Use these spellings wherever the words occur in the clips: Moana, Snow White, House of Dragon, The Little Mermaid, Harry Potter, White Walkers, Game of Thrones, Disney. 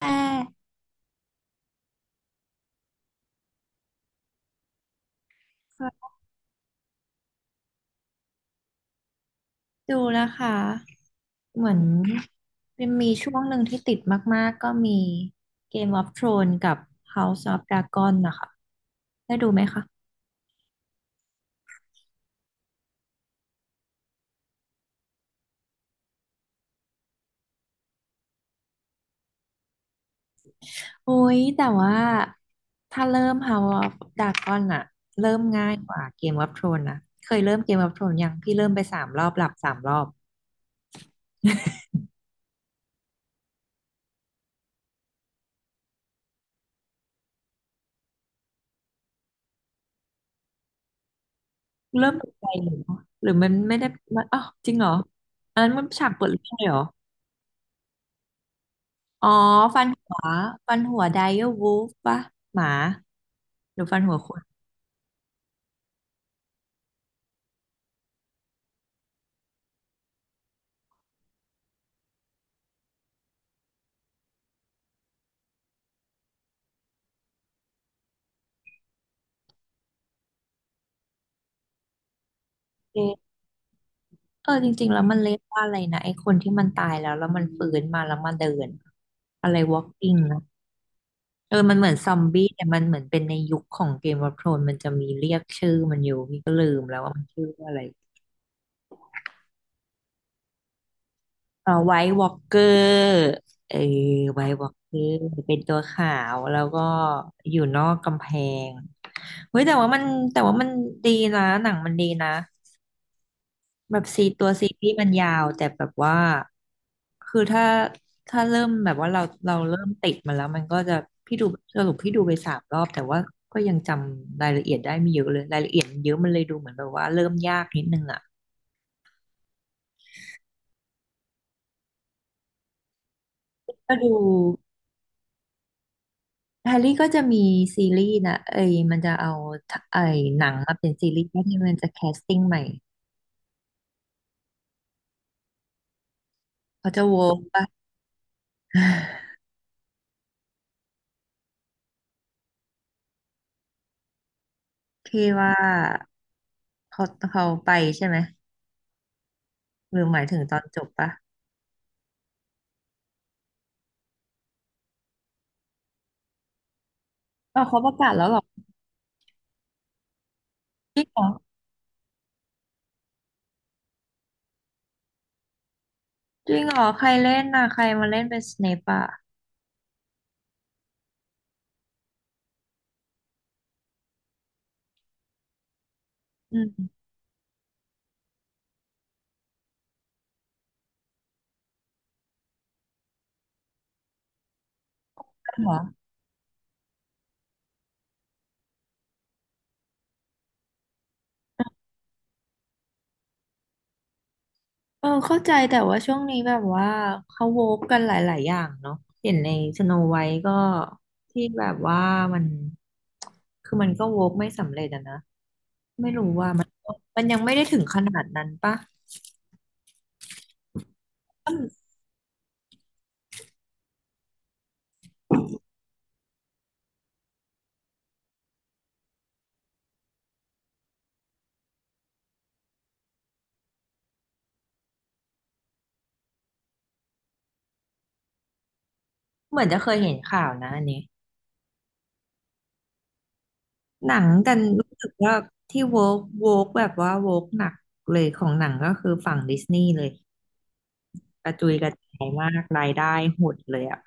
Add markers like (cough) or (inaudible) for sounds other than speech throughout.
แค่ดูนะคะเหมือนเป็นมีช่วงหนึ่งที่ติดมากๆก็มี Game of Thrones กับ House of Dragon นะคะได้ดูไหมคะโอ้ยแต่ว่าถ้าเริ่ม House of Dragon อะเริ่มง่ายกว่า Game of Thrones นะเคยเริ่ม Game of Thrones ยังพี่เริ่มไปสามรอบหลับสามรอบเริ่มตกใจหรือหรือมันไม่ได้มันอ้าวจริงเหรออันนั้นมันฉากเปิดเรื่องเลยเหรอ อ๋อฟันหัวไดเออร์วูฟปะหมาหรือฟันหัวคนเออเออจริงๆแล้วมันเรียกว่าอะไรนะไอ้คนที่มันตายแล้วมันฟื้นมาแล้วมาเดินอะไร walking นะเออมันเหมือนซอมบี้แต่มันเหมือนเป็นในยุคของเกม of Thrones มันจะมีเรียกชื่อมันอยู่พี่ก็ลืมแล้วว่ามันชื่อว่าอะไรเออไวท์วอล์กเกอร์เออไวท์วอล์กเกอร์เป็นตัวขาวแล้วก็อยู่นอกกำแพงเฮ้ยแต่ว่ามันแต่ว่ามันดีนะหนังมันดีนะ แบบตัวซีรีส์มันยาวแต่แบบว่าคือถ้าถ้าเริ่มแบบว่าเราเราเริ่มติดมาแล้วมันก็จะพี่ดูสรุปพี่ดูไปสามรอบแต่ว่าก็ยังจำรายละเอียดได้ไม่เยอะเลยรายละเอียดมันเยอะมันเลยดูเหมือนแบบว่าเริ่มยากนิดนึงอ่ะก็ดูแฮร์รี่ก็จะมีซีรีส์นะเอ้ยมันจะเอาไอ้หนังมาเป็นซีรีส์ที่มันจะแคสติ้งใหม่เขาจะโวปะ (laughs) (sighs) พี่ว่าเขาไปใช่ไหมหรือหมายถึงตอนจบปะอ๋อเขาประกาศแล้วเหรอ จริงเหรอจริงเหรอใครเล่นน่ะใครมาเล่นเป็นสเนปอ่ะอืมเหรอเออเข้าใจแต่ว่าช่วงนี้แบบว่าเขาโวฟกันหลายๆอย่างเนาะเห็นในสโนไวท์ก็ที่แบบว่ามันคือมันก็โวกไม่สำเร็จอะนะไม่รู้ว่ามันยังไม่ได้ถึงขนาดนั้นปะอืมเหมือนจะเคยเห็นข่าวนะอันนี้หนังกันรู้สึกว่าที่โวกแบบว่าโวกหนักเลยของหนังก็คือฝั่งดิสนีย์เลย กระจุยกระจายมากรายได้หดเลยอ่ะ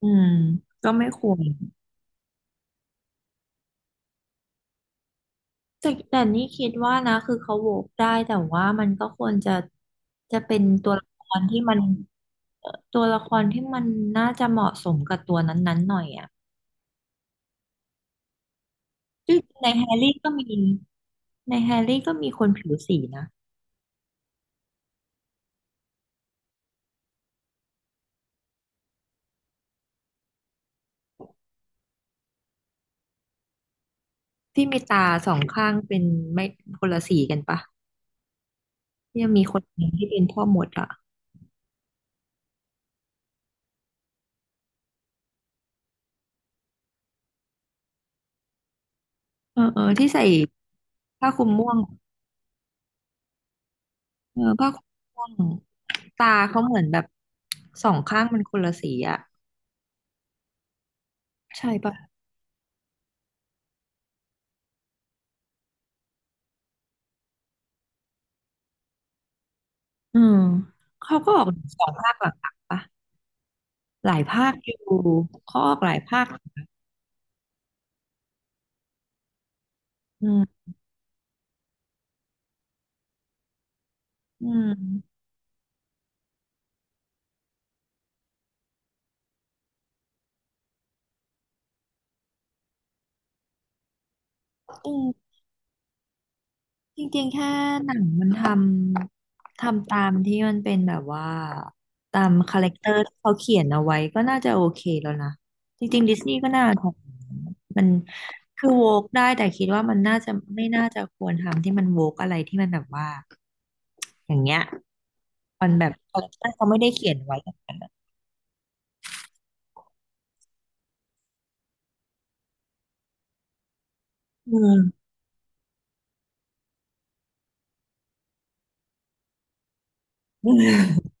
อืมก็ไม่ควรแต่นี่คิดว่านะคือเขาโหวกได้แต่ว่ามันก็ควรจะจะเป็นตัวละครที่มันตัวละครที่มันน่าจะเหมาะสมกับตัวนั้นๆหน่อยอ่ะซึ่งในแฮร์รี่ก็มีในแฮร์รี่ก็มีคนผิวสีนะที่มีตาสองข้างเป็นไม่คนละสีกันปะที่ยังมีคนหนึ่งที่เป็นพ่อมดอ่ะเออที่ใส่ผ้าคลุมม่วง เออผ้าคลุมม่วงตาเขาเหมือนแบบสองข้างมันคนละสีอ่ะใช่ปะอืมเขาก็ออกสองภาคหลักๆปะหลายภาคอยู่เขาออกหลายภาคอืมอืมอืม จริงๆแค่หนังมันทำตามที่มันเป็นแบบว่าตามคาแรคเตอร์ที่เขาเขียนเอาไว้ก็น่าจะโอเคแล้วนะจริงๆดิสนีย์ก็น่าทำมันคือโวกได้แต่คิดว่ามันน่าจะไม่น่าจะควรทำที่มันโวกอะไรที่มันแบบว่าอย่างเงี้ยมันแบบคาแรคเตอร์เขาไม่ได้เขียนไว้แบบนั้นอะอืม (laughs)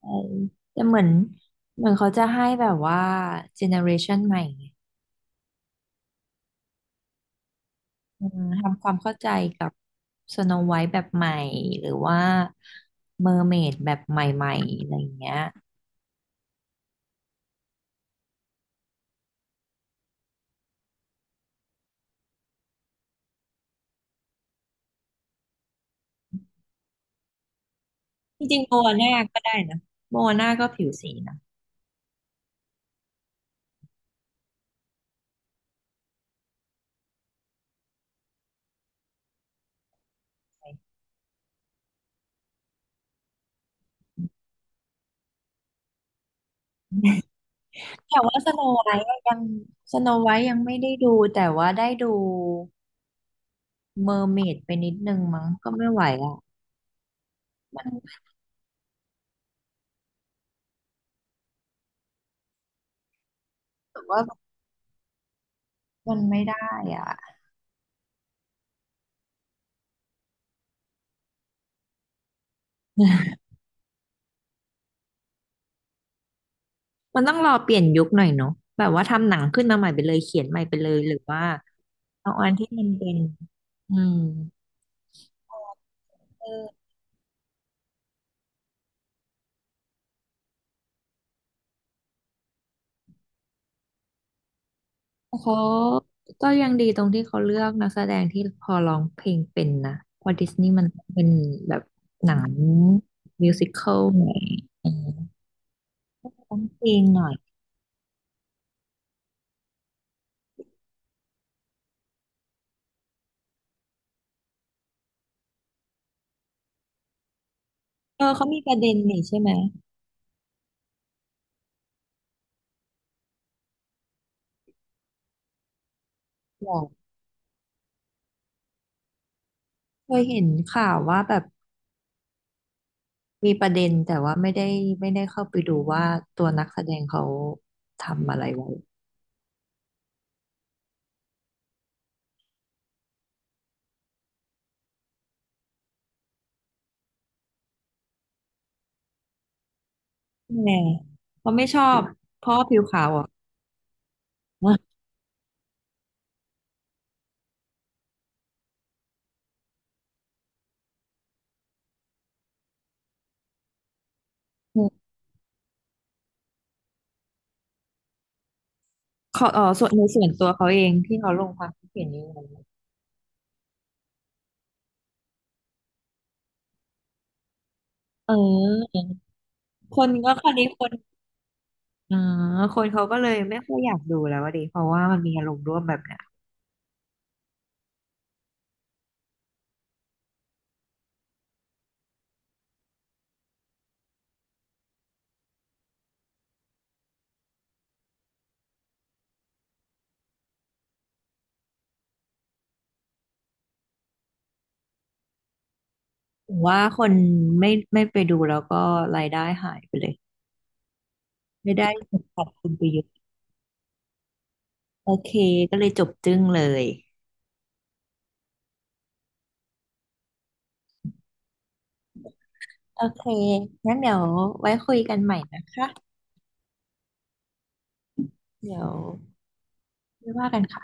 ใช่แต่เหมือนเขาจะให้แบบว่าเจเนอเรชันใหม่ไง อืมทำความเข้าใจกับสโนไวท์แบบใหม่หรือว่าเมอร์เมดแบบใหม่ๆอะไรอย่างเงี้ยจริงๆโมอาน่าก็ได้นะโมอาน่าก็ผิวสีนะแต่ว่าสโนไวท์ยังไม่ได้ดูแต่ว่าได้ดูเมอร์เมดไปนิดนึงมั้งก็ไม่ไหวอ่ะมันรู้สึกว่ามันไม่ได้อ่ะมันต้องรอเปลี่ยนยุคหน่อยเนาะแบบว่าทำหนังขึ้นมาใหม่ไปเลยเขียนใหม่ไปเลยหรือว่าเอาอันที่มันเป็นอืมเออ เขาก็ยังดีตรงที่เขาเลือกนักแสดงที่พอร้องเพลงเป็นนะเพอดิสนีย์มันเป็นแบบหนังมิวสิคลหน่อยเออต้องเพลงหน่อยเออเขามีประเด็นนี่ใช่ไหมบอกเคยเห็นข่าวว่าแบบมีประเด็นแต่ว่าไม่ได้เข้าไปดูว่าตัวนักแสดงเขาทำอะไรไว้แน่เขาไม่ชอบเพราะว่อผิวขาวอ่ะ (laughs) เขาเออส่วนในส่วนตัวเขาเองที่เขาลงความคิดเห็นนี้ไว้เออ คนก็คราวนี้คนอ๋อคนเขาก็เลยไม่ค่อยอยากดูแล้วอะดิเพราะว่ามันมีอารมณ์ร่วมแบบเนี้ยผมว่าคนไม่ไปดูแล้วก็รายได้หายไปเลยไม่ได้สับคุณไปรยชนโอเคก็เลยจบจึ้งเลยโอเคงั้นเดี๋ยวไว้คุยกันใหม่นะคะเดี๋ยวไม่ว่ากันค่ะ